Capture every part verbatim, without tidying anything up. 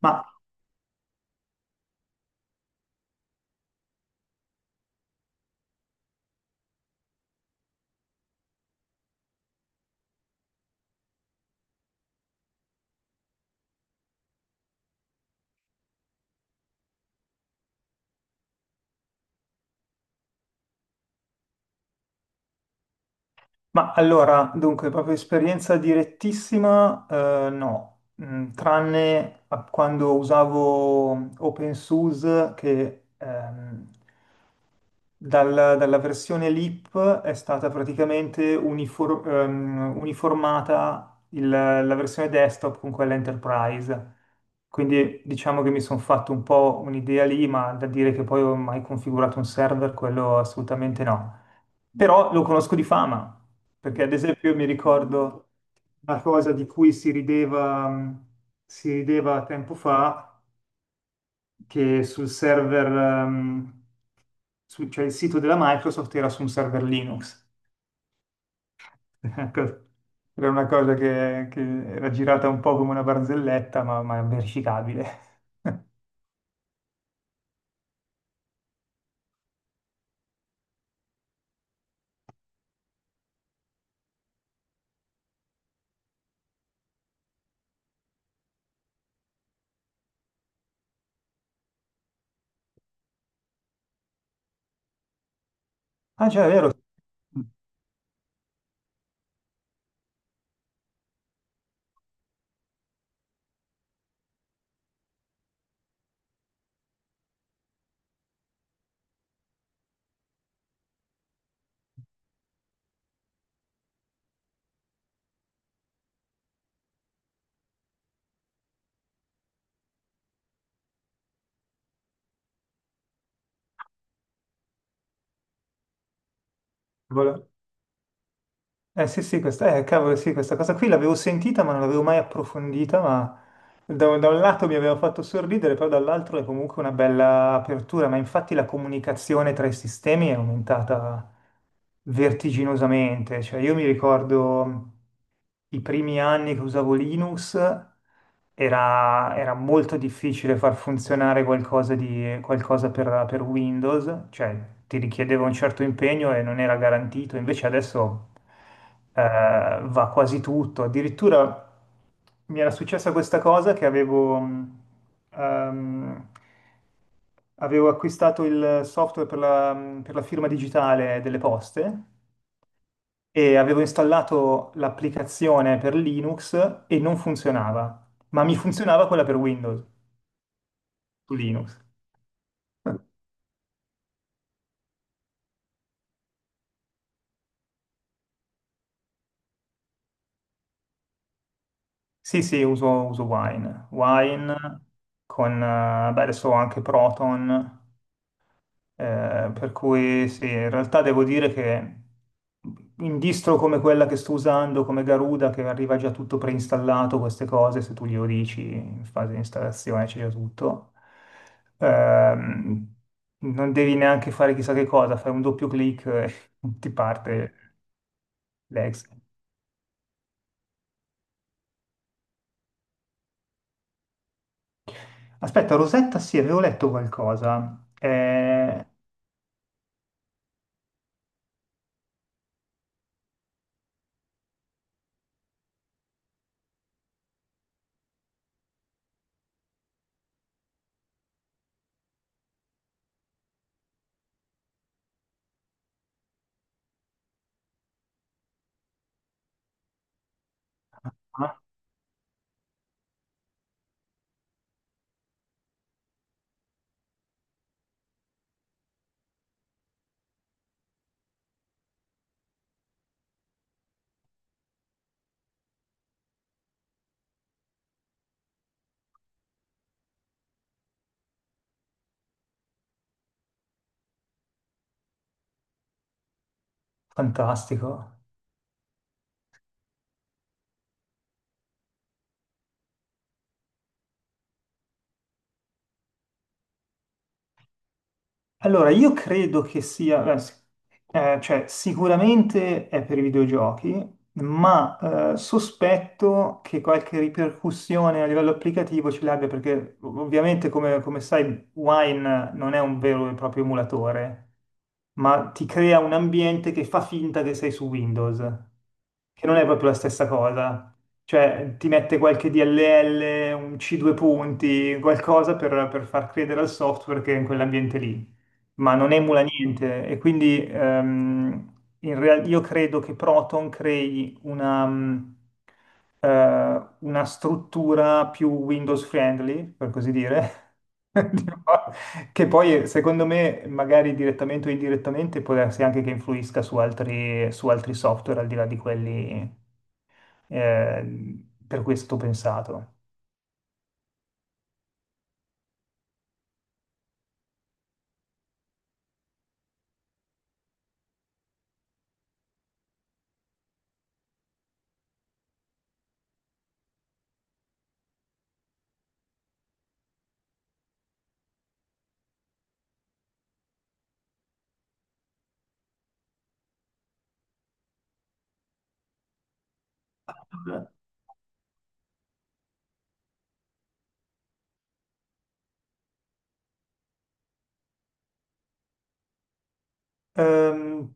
Ma, ma allora, dunque, proprio esperienza direttissima, eh, no, Mm, tranne a quando usavo OpenSUSE che ehm, Dal- dalla versione L I P è stata praticamente unifor- ehm, uniformata il- la versione desktop con quella Enterprise. Quindi diciamo che mi sono fatto un po' un'idea lì, ma da dire che poi ho mai configurato un server, quello assolutamente no. Però lo conosco di fama, perché ad esempio mi ricordo una cosa di cui si rideva, si rideva tempo fa, che sul server ehm, su- cioè il sito della Microsoft era su un server Linux. Ecco, era una cosa che, che era girata un po' come una barzelletta, ma, ma verificabile. Ah, cioè, è vero. Vole- Eh sì, sì, questa, eh, cavolo, sì, questa cosa qui l'avevo sentita, ma non l'avevo mai approfondita, ma da, da un lato mi aveva fatto sorridere, però dall'altro è comunque una bella apertura, ma infatti la comunicazione tra i sistemi è aumentata vertiginosamente. Cioè, io mi ricordo, i primi anni che usavo Linux era, era molto difficile far funzionare qualcosa, di, qualcosa per, per Windows, cioè ti richiedeva un certo impegno e non era garantito, invece adesso eh, va quasi tutto. Addirittura mi era successa questa cosa che avevo... mh, ehm, Avevo acquistato il software per la, per la firma digitale delle poste, e avevo installato l'applicazione per Linux e non funzionava, ma mi funzionava quella per Windows su Linux. Sì, sì, uso, uso Wine. Wine con, eh, beh, adesso ho anche Proton. Eh, per cui sì, in realtà devo dire che in distro come quella che sto usando, come Garuda, che arriva già tutto preinstallato, queste cose, se tu glielo dici in fase di installazione c'è già tutto. Ehm, Non devi neanche fare chissà che cosa, fai un doppio clic e ti parte l'ex. Aspetta, Rosetta, sì, avevo letto qualcosa. Eh, ah, fantastico. Allora, io credo che sia, eh, s- eh, cioè sicuramente è per i videogiochi, ma eh, sospetto che qualche ripercussione a livello applicativo ce l'abbia, perché ov- ovviamente, come, come sai, Wine non è un vero e proprio emulatore, ma ti crea un ambiente che fa finta che sei su Windows, che non è proprio la stessa cosa. Cioè, ti mette qualche D L L, un C due punti, qualcosa per, per far credere al software che è in quell'ambiente lì, ma non emula niente. E quindi ehm, in real- io credo che Proton crei una, mh, eh, una struttura più Windows friendly, per così dire, di- che poi, secondo me, magari direttamente o indirettamente, può darsi anche che influisca su altri, su altri software, al di là di quelli eh, per cui è stato pensato. Ehm,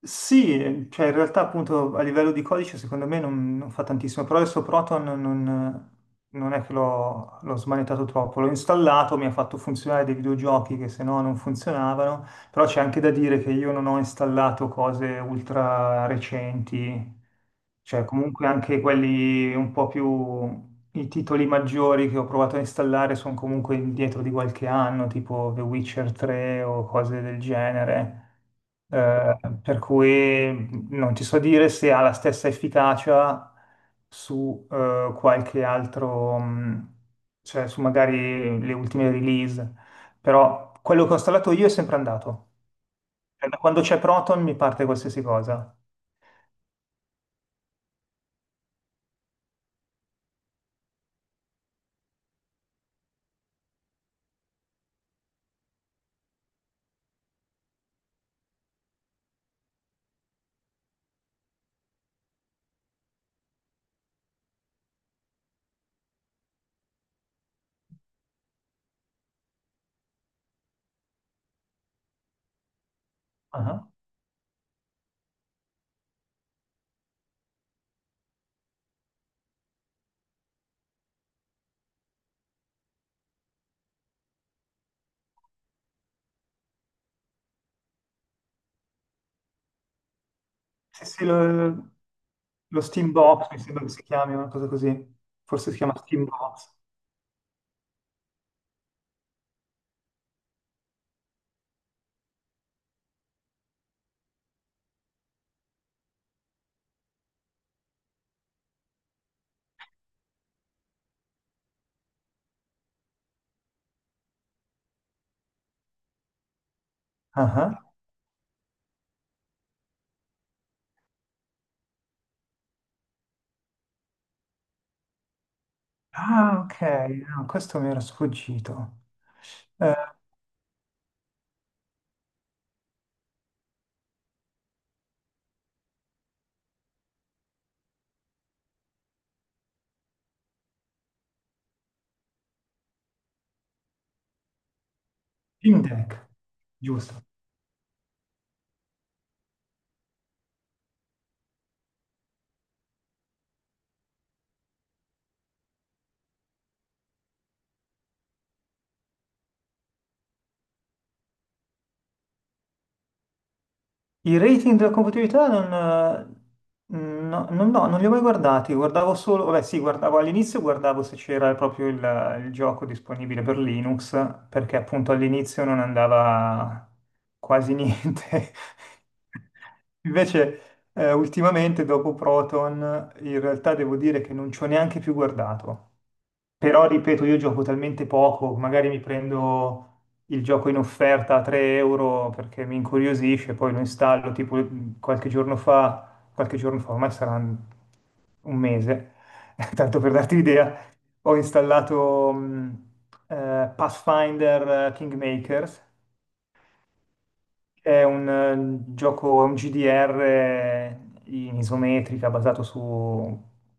sì, cioè in realtà appunto a livello di codice secondo me non, non fa tantissimo, però adesso Proton non, non è che l'ho l'ho smanettato troppo, l'ho installato, mi ha fatto funzionare dei videogiochi che se no non funzionavano. Però c'è anche da dire che io non ho installato cose ultra recenti, cioè comunque anche quelli un po' più, i titoli maggiori che ho provato a installare sono comunque indietro di qualche anno, tipo The Witcher tre o cose del genere. Eh, per cui non ti so dire se ha la stessa efficacia su eh, qualche altro, mh, cioè su magari le ultime release, però quello che ho installato io è sempre andato. Cioè, da quando c'è Proton mi parte qualsiasi cosa. Ah. Sì, sì, lo, lo Steam Box mi sembra che si chiami una cosa così. Forse si chiama Steam Box. Ah, ah, ok, no, questo mi era sfuggito. Eh, Steam Deck, giusto. I rating della compatibilità non, eh, no, non, no, non li ho mai guardati, guardavo solo, vabbè sì, guardavo all'inizio, guardavo se c'era proprio il, il gioco disponibile per Linux, perché appunto all'inizio non andava quasi niente. Invece eh, ultimamente dopo Proton in realtà devo dire che non ci ho neanche più guardato. Però ripeto, io gioco talmente poco, magari mi prendo il gioco in offerta a tre euro perché mi incuriosisce, poi lo installo, tipo mh, qualche giorno fa, qualche giorno fa, ormai sarà un un mese, tanto per darti l'idea, ho installato mh, eh, Pathfinder eh, Kingmakers, che è un eh, gioco, è un G D R in isometrica basato su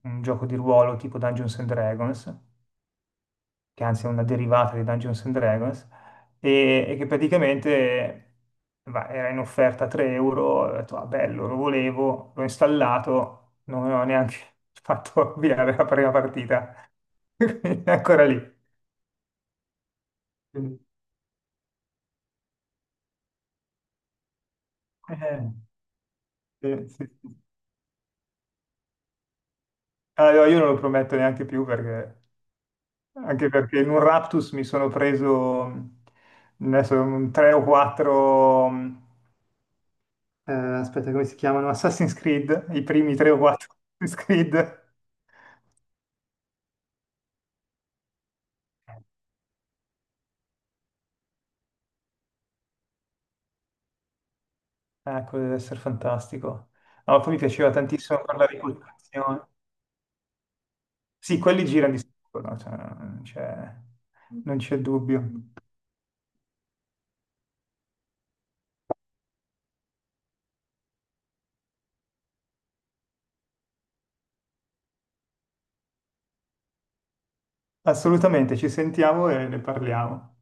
un gioco di ruolo tipo Dungeons and Dragons, che anzi è una derivata di Dungeons and Dragons, e, e che praticamente va- era in offerta a tre euro, ho detto, ah, bello, lo volevo, l'ho installato, non ho neanche fatto avviare la prima partita, quindi è ancora lì. Quindi, eh, sì, sì, sì. Allora, io non lo prometto neanche più perché. Anche perché in un Raptus mi sono preso mh, adesso, mh, tre o quattro mh, eh, aspetta, come si chiamano? Assassin's Creed, i primi tre o quattro Assassin's Creed. Ah, quello deve essere fantastico. No, poi mi piaceva tantissimo parlare di coltivazione. Sì, quelli girano di sicuro, no? Cioè, non c'è non c'è dubbio. Assolutamente, ci sentiamo e ne parliamo.